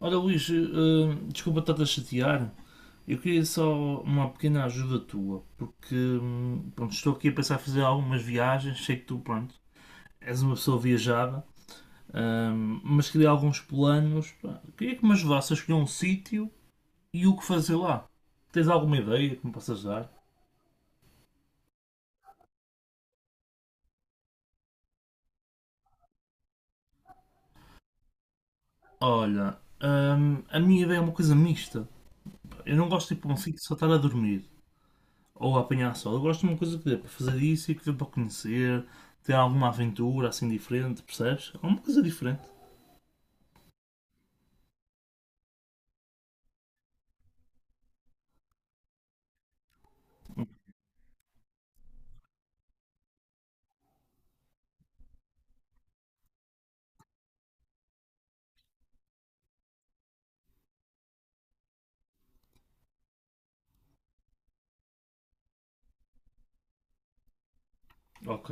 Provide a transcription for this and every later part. Olha, Luís, desculpa estar a chatear. Eu queria só uma pequena ajuda tua, porque pronto, estou aqui a pensar em fazer algumas viagens. Sei que tu, pronto, és uma pessoa viajada, mas queria alguns planos. Pá, queria que me ajudasses a escolher um sítio e o que fazer lá. Tens alguma ideia que me possas dar? Olha, a minha ideia é uma coisa mista. Eu não gosto de ir para um sítio só estar a dormir ou a apanhar sol. Eu gosto de uma coisa que dê para fazer isso e que dê para conhecer, ter alguma aventura assim diferente, percebes? Alguma coisa diferente. Ok.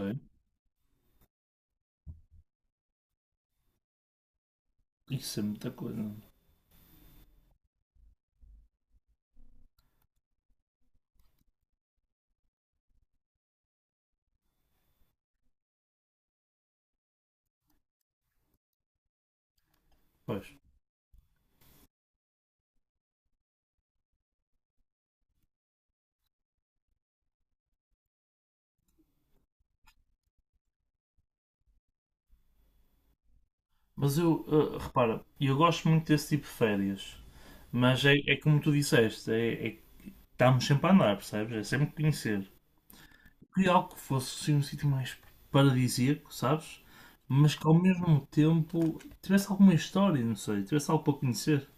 Isso é muita coisa. Pois. Mas eu, repara, eu gosto muito desse tipo de férias. Mas é como tu disseste, é que estamos sempre a andar, percebes? É sempre conhecer. Queria algo que fosse assim, um sítio mais paradisíaco, sabes? Mas que ao mesmo tempo tivesse alguma história, não sei, tivesse algo para conhecer.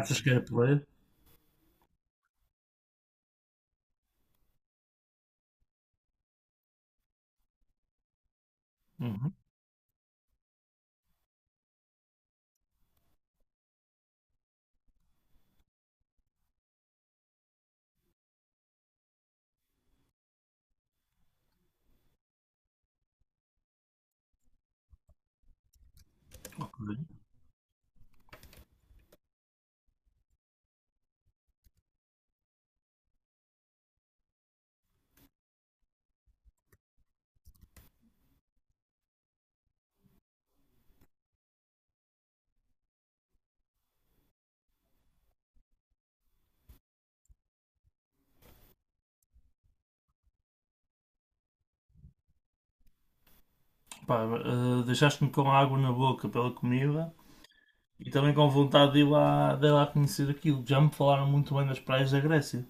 Achas que era por aí? Uhum, ok. Pá, deixaste-me com água na boca pela comida e também com vontade de ir lá conhecer aquilo. Já me falaram muito bem das praias da Grécia.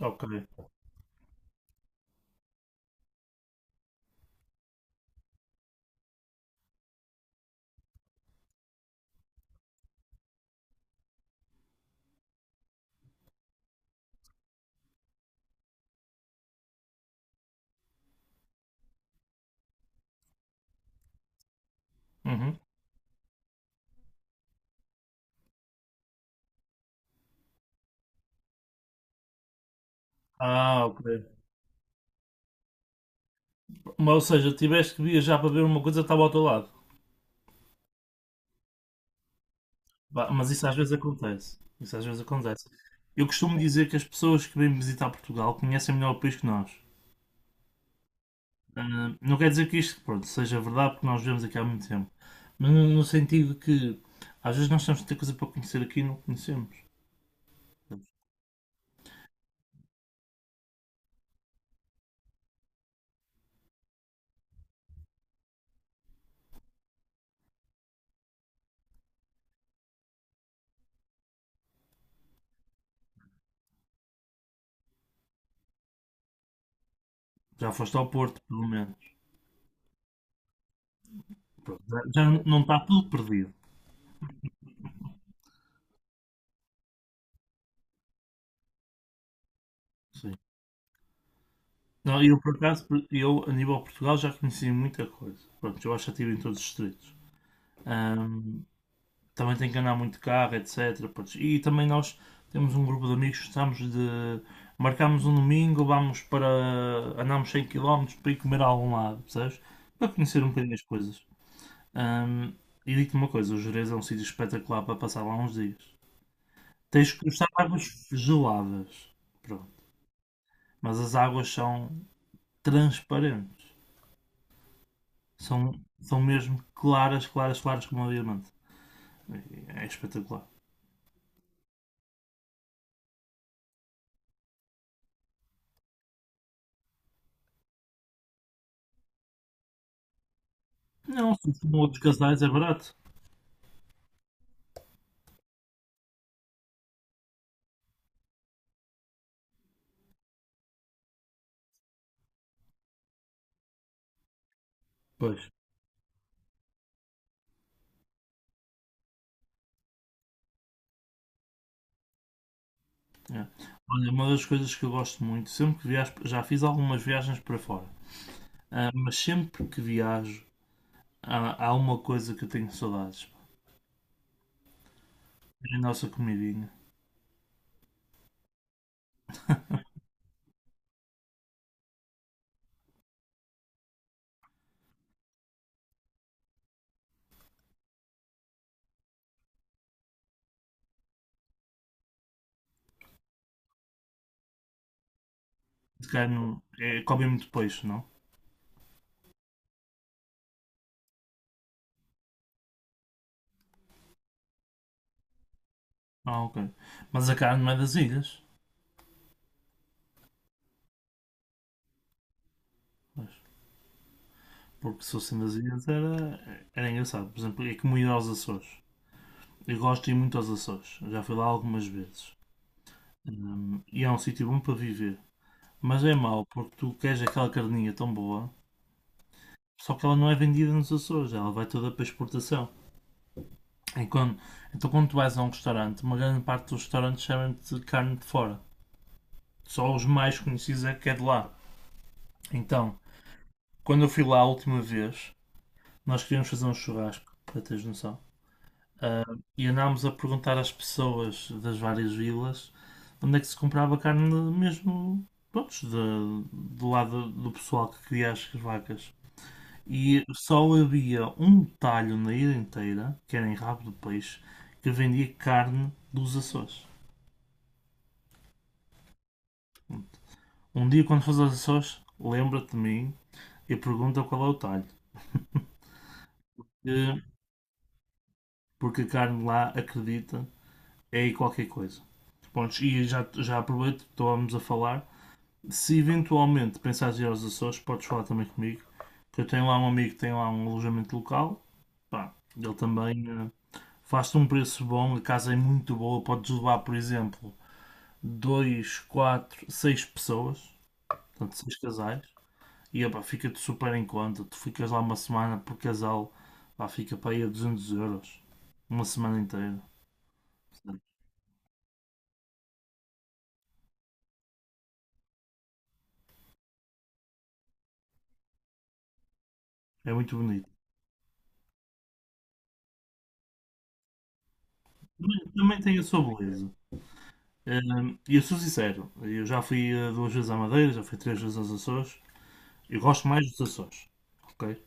Ok. Uhum. Ah, ok. Mas, ou seja, tiveste que viajar para ver uma coisa que estava ao teu lado. Pá, mas isso às vezes acontece. Isso às vezes acontece. Eu costumo dizer que as pessoas que vêm visitar Portugal conhecem melhor o país que nós. Ah, não quer dizer que isto, pronto, seja verdade, porque nós vivemos aqui há muito tempo. Mas no sentido que às vezes nós temos tanta coisa para conhecer aqui e não conhecemos. Já foste ao Porto, pelo menos. Pronto, já, já não está tudo perdido. Sim. Não, eu, por acaso, eu, a nível de Portugal, já conheci muita coisa. Pronto, eu acho que estive em todos os distritos. Ahm, também tem que andar muito de carro, etc. Pronto, e também nós temos um grupo de amigos que estamos de... Marcámos um domingo, vamos para... Andámos 100 km para ir comer a algum lado, percebes? Para conhecer um bocadinho as coisas. Ahm, e digo-te uma coisa, o Jerez é um sítio espetacular para passar lá uns dias. Tens que gostar de águas geladas. Pronto. Mas as águas são transparentes. São, são mesmo claras, claras, claras como um diamante. É espetacular. Não, se for outros casais é barato. Pois. É. Olha, uma das coisas que eu gosto muito, sempre que viajo, já fiz algumas viagens para fora, mas sempre que viajo há uma coisa que eu tenho saudades. É a nossa comidinha. De carne, é, comem muito peixe, não? Ah, ok. Mas a carne não é das ilhas. Porque se fossem das ilhas era, era engraçado. Por exemplo, é como ir aos Açores. Eu gosto de ir muito aos Açores, já fui lá algumas vezes. E é um sítio bom para viver. Mas é mau, porque tu queres aquela carninha tão boa, só que ela não é vendida nos Açores, ela vai toda para exportação. E quando- então quando tu vais a um restaurante, uma grande parte dos restaurantes chamam-te de carne de fora. Só os mais conhecidos é que é de lá. Então, quando eu fui lá a última vez, nós queríamos fazer um churrasco, para teres noção. Ah, e andámos a perguntar às pessoas das várias vilas onde é que se comprava carne mesmo, pronto, do lado do pessoal que cria as vacas. E só havia um talho na ilha inteira, que era em Rabo do Peixe, que vendia carne dos Açores. Um dia, quando fores aos Açores, lembra-te de mim e pergunta qual é o talho. Eh, porque a carne lá, acredita, é aí qualquer coisa. Pontos e já aproveito, estávamos a falar, se eventualmente pensares em ir aos Açores, podes falar também comigo. Que eu tenho lá um amigo que tem lá um alojamento local. Pá, ele também faz-te um preço bom, a casa é muito boa. Podes levar, por exemplo, 2 4 6 pessoas, portanto, 6 casais. E epá, fica-te super em conta. Tu ficas lá uma semana por casal, pá, fica para aí a 200 euros. Uma semana inteira. Portanto, é muito bonito. Também tem a sua beleza. E eu sou sincero, eu já fui 2 vezes à Madeira, já fui 3 vezes aos Açores. Eu gosto mais dos Açores, ok?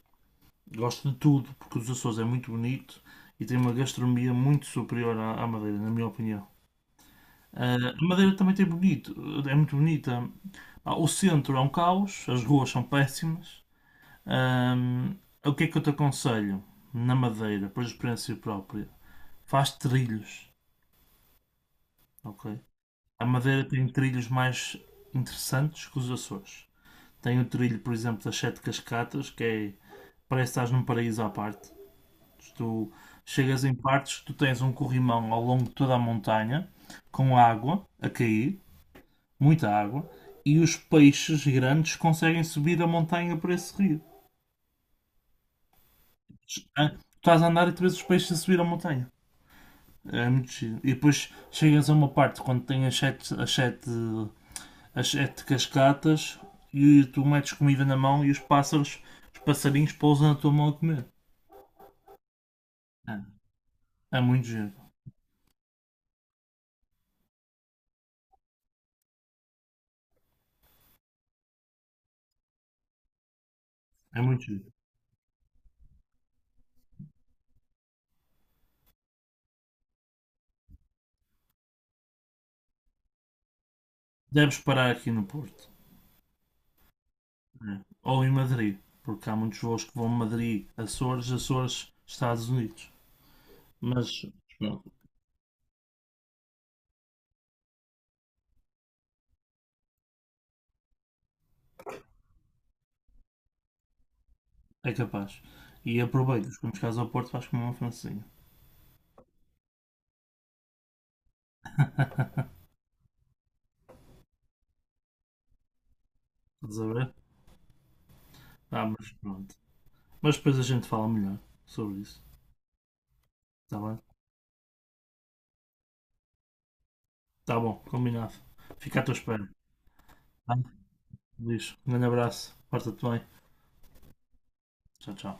Gosto de tudo, porque os Açores é muito bonito e tem uma gastronomia muito superior à Madeira, na minha opinião. Ah, a Madeira também tem bonito, é muito bonita. Ah, o centro é um caos, as ruas são péssimas. Hum, o que é que eu te aconselho na Madeira, por experiência própria? Faz trilhos, ok? A Madeira tem trilhos mais interessantes que os Açores. Tem o trilho, por exemplo, das Sete Cascatas, que é, parece que estás num paraíso à parte. Tu chegas em partes, tu tens um corrimão ao longo de toda a montanha, com água a cair, muita água, e os peixes grandes conseguem subir a montanha por esse rio. Ah, tu estás a andar e tu vês os peixes a subir a montanha. É muito giro. E depois chegas a uma parte quando tem as sete cascatas e tu metes comida na mão e os pássaros, os passarinhos pousam na tua mão a comer. Ah, é muito giro. É muito giro. Deves parar aqui no Porto. Né? Ou em Madrid. Porque há muitos voos que vão a Madrid, Açores, Açores, Estados Unidos. Mas pronto, é capaz. E aproveitas. Quando chegares ao Porto vais comer uma francesinha. Estás a ver? Ah, mas pronto. Mas depois a gente fala melhor sobre isso. Está bem? Está bom, combinado. Fica à tua espera. Tá? Luís, um grande abraço. Porta-te bem. Tchau, tchau.